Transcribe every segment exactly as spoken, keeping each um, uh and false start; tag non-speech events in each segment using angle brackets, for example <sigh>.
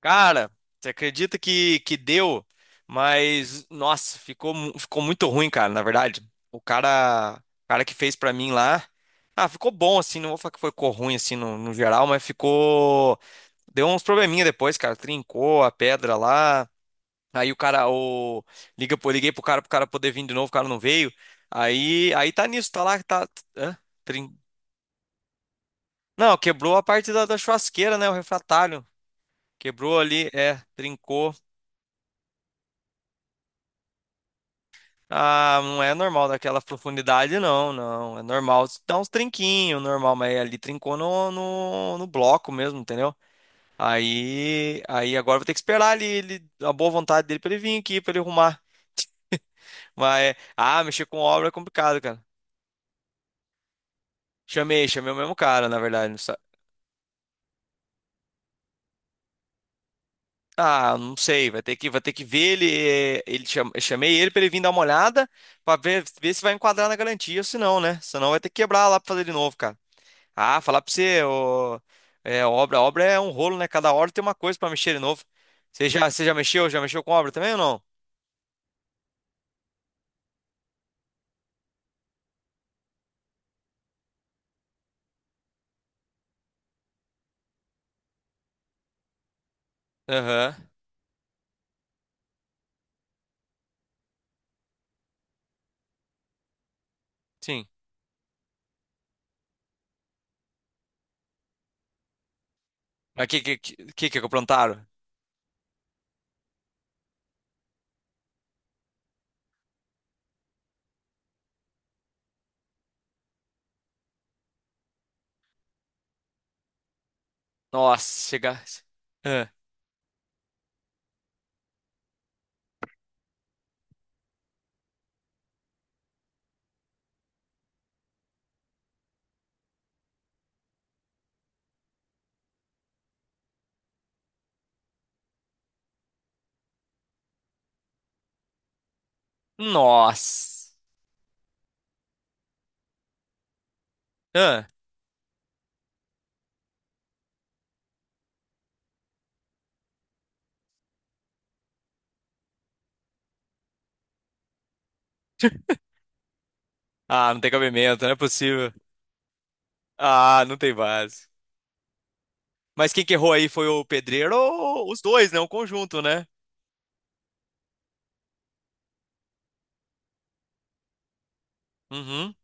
Cara, você acredita que, que deu, mas nossa, ficou, mu- ficou muito ruim, cara, na verdade. O cara, o cara que fez pra mim lá, ah, ficou bom assim, não vou falar que ficou ruim assim no, no geral, mas ficou deu uns probleminha depois, cara, trincou a pedra lá. Aí o cara, o liga, pro- liguei pro cara pro cara poder vir de novo, o cara não veio. Aí, aí tá nisso, tá lá, tá, hã? Trin- Não, quebrou a parte da, da churrasqueira, né, o refratário. Quebrou ali, é, trincou. Ah, não é normal daquela profundidade, não, não. É normal dar uns trinquinhos, normal, mas ali trincou no, no, no bloco mesmo, entendeu? Aí, aí agora vou ter que esperar ele, ele- a boa vontade dele pra ele vir aqui, pra ele arrumar. Mas, ah, mexer com obra é complicado, cara. Chamei, chamei o mesmo cara, na verdade. não sa- Ah, não sei, vai ter que, vai ter que ver ele, eh, ele cham- eu chamei ele pra ele vir dar uma olhada, pra ver, ver se vai enquadrar na garantia, ou se não, né? Senão vai ter que quebrar lá pra fazer de novo, cara. Ah, falar pra você, ô, é, obra, obra é um rolo, né? Cada hora tem uma coisa pra mexer de novo. Você já, você já mexeu? Já mexeu com obra também ou não? Aham, sim. Mas o que, que, que, que que plantaram? Nossa, chega. Ah, nossa. Ah, ah, não tem cabimento, não é possível. Ah, não tem base. Mas quem que errou aí foi o pedreiro ou os dois, né? O conjunto, né? Uhum.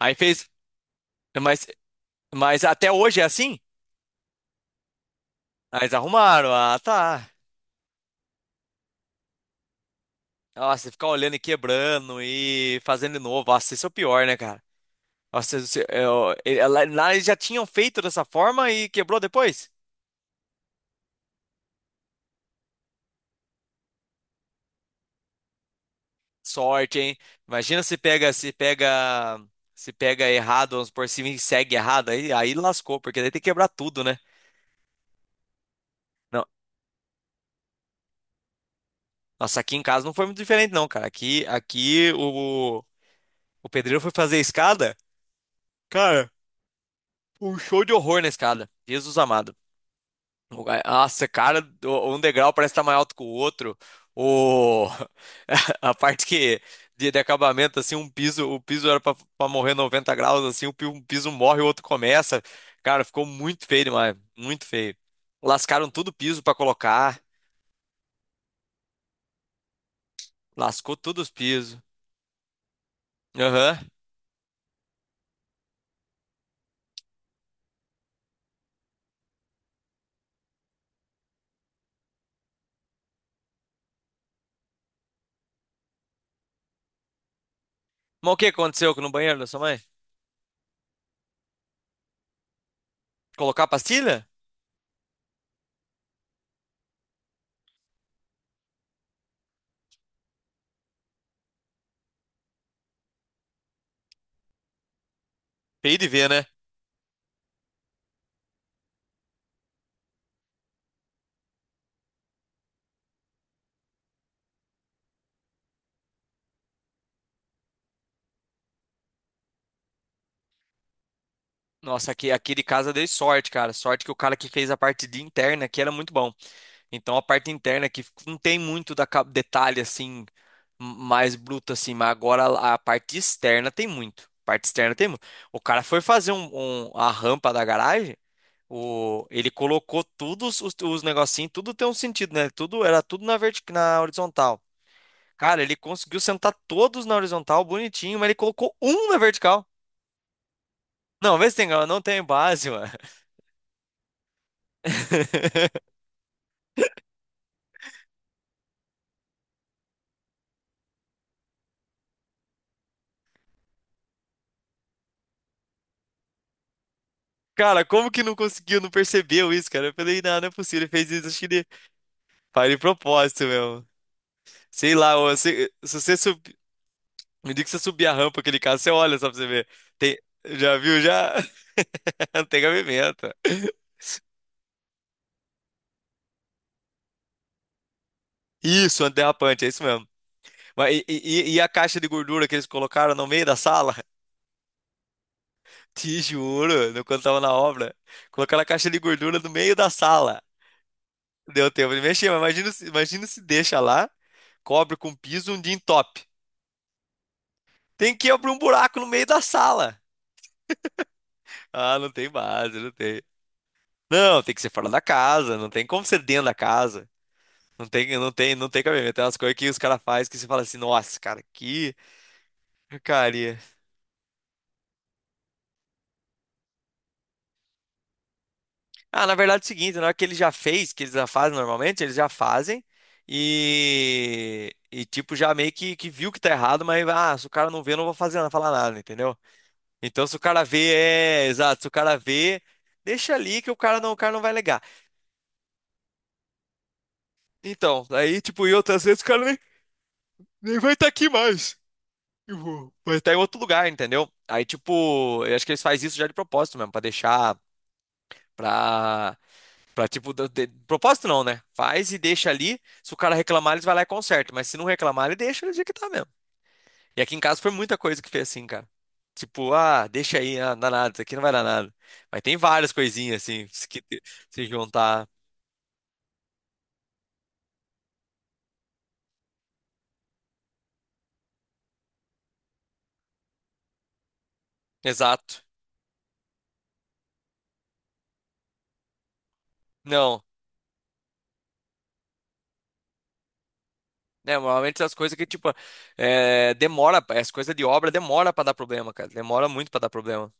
Aí fez. Mas, mas até hoje é assim? Ah, eles arrumaram. Ah, tá. Nossa, ficar olhando e quebrando e fazendo de novo. Nossa, isso é o pior, né, cara? Nossa, isso- eu- ele- lá lá eles já tinham feito dessa forma e quebrou depois? Sorte, hein? Imagina se pega, se pega, se pega errado, vamos por cima e segue errado, aí, aí lascou, porque daí tem que quebrar tudo, né? Não, nossa, aqui em casa não foi muito diferente, não, cara. Aqui, aqui o, o pedreiro foi fazer a escada, cara, um show de horror na escada. Jesus amado. O ga- Nossa, cara, o- um degrau parece estar mais alto que o outro. O... <laughs> A parte que de, de acabamento, assim, um piso, o piso era para morrer noventa graus, assim, o pi- um piso morre, o outro começa. Cara, ficou muito feio demais, muito feio. Lascaram tudo o piso para colocar, lascou tudo os pisos. Aham. Mas o que aconteceu no banheiro da sua mãe? Colocar a pastilha? Feio de ver, né? Nossa, aqui, aqui de casa dei sorte, cara. Sorte que o cara que fez a parte de interna aqui era muito bom. Então a parte interna que não tem muito da ca- detalhe assim mais bruto assim, mas agora a a parte externa tem muito. Parte externa tem muito. O cara foi fazer um, um- a rampa da garagem, o, ele colocou todos os, os negocinhos, tudo tem um sentido, né? Tudo era tudo na vertic, na horizontal. Cara, ele conseguiu sentar todos na horizontal, bonitinho, mas ele colocou um na vertical. Não, vê se tem, não tem base, mano. <laughs> Cara, como que não conseguiu, não percebeu isso, cara? Eu falei, não, não é possível, ele fez isso, acho que ele faz de propósito, meu. Sei lá, ou se, se você subir. Me diga que você subir a rampa, aquele caso, você olha só pra você ver. Tem, já viu? Já. <laughs> Não tem gavimenta. Isso, antiderrapante, é isso mesmo. Mas, e, e- e a caixa de gordura que eles colocaram no meio da sala? <laughs> Te juro, no- quando tava na obra, colocaram a caixa de gordura no meio da sala. Deu tempo de mexer, mas imagina, se- imagina se deixa lá, cobre com piso um dia em top. Tem que abrir um buraco no meio da sala. Ah, não tem base, não tem. Não, tem que ser fora da casa, não tem como ser dentro da casa. Não tem, não tem, não tem cabimento. Tem umas coisas que os caras fazem que você fala assim, nossa, cara, que porcaria. Ah, na verdade é o seguinte, na hora que ele já fez, que eles já fazem normalmente, eles já fazem e, e tipo, já meio que, que viu que tá errado, mas ah, se o cara não vê, eu não vou fazer nada, falar nada, entendeu? Então se o cara vê, é, exato, se o cara vê, deixa ali que o cara não, o cara não vai ligar. Então, aí, tipo, eu outras vezes o cara nem, nem vai estar aqui mais. Eu vou. Mas tá em outro lugar, entendeu? Aí, tipo, eu acho que eles fazem isso já de propósito mesmo, pra deixar, pra, pra tipo, da- de- propósito não, né? Faz e deixa ali, se o cara reclamar, eles vai lá e conserta, mas se não reclamar, ele deixa do jeito que tá mesmo. E aqui em casa foi muita coisa que fez assim, cara. Tipo, ah, deixa aí, ah, não dá nada, isso aqui não vai dar nada. Mas tem várias coisinhas, assim, se que te- se juntar. Exato. Não. Né, normalmente as coisas que, tipo, é, demora, as coisas de obra demora pra dar problema, cara. Demora muito pra dar problema.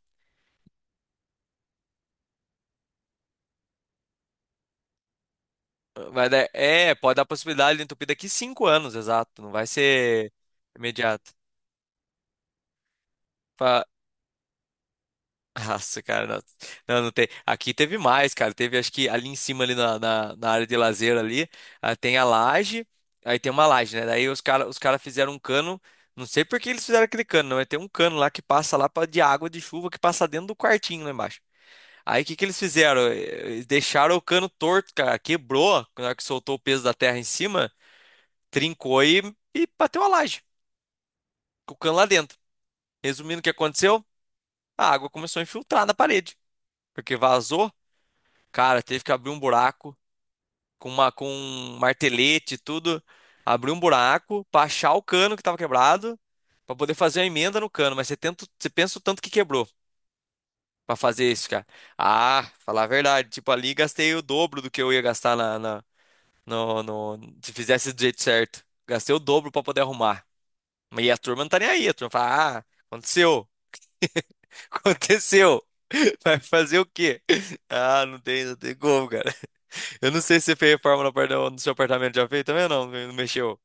Vai dar, é, pode dar possibilidade de entupir daqui cinco anos, exato. Não vai ser imediato. Fa- <laughs> Nossa, cara, não, não, não tem. Aqui teve mais, cara. Teve, acho que ali em cima, ali na, na, na área de lazer ali, ah, tem a laje, aí tem uma laje, né? Daí os cara, os cara fizeram um cano. Não sei por que eles fizeram aquele cano, não. É, tem um cano lá que passa lá pra, de água de chuva que passa dentro do quartinho lá embaixo. Aí o que que eles fizeram? Eh, Deixaram o cano torto, cara. Quebrou na hora que soltou o peso da terra em cima. Trincou e, e bateu a laje, com o cano lá dentro. Resumindo o que aconteceu, a água começou a infiltrar na parede, porque vazou. Cara, teve que abrir um buraco com uma com um martelete e tudo, abriu um buraco pra achar o cano que tava quebrado, pra poder fazer uma emenda no cano, mas você tenta, você pensa o tanto que quebrou pra fazer isso, cara. Ah, falar a verdade, tipo ali gastei o dobro do que eu ia gastar na, na- no, no- se fizesse do jeito certo. Gastei o dobro pra poder arrumar. E a turma não tá nem aí, a turma fala: "Ah, aconteceu". <laughs> Aconteceu. Vai fazer o quê? Ah, não tem, não tem como, cara. Eu não sei se você fez reforma no apart- no seu apartamento já fez também ou não, não mexeu.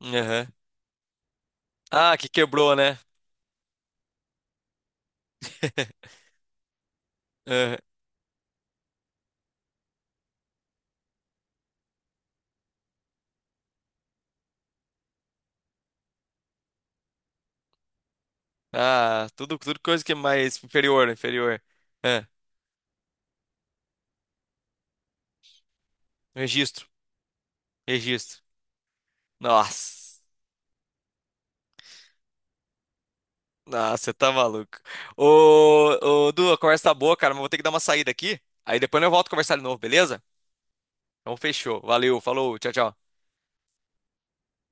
Aham. Ah, que quebrou, né? <laughs> Aham. Ah, tudo, tudo coisa que é mais inferior, né? Inferior. Ah, registro, registro. Nossa, nossa, você tá maluco. Ô, ô, Du, a conversa tá boa, cara, mas vou ter que dar uma saída aqui. Aí depois eu volto a conversar de novo, beleza? Então fechou. Valeu, falou, tchau, tchau.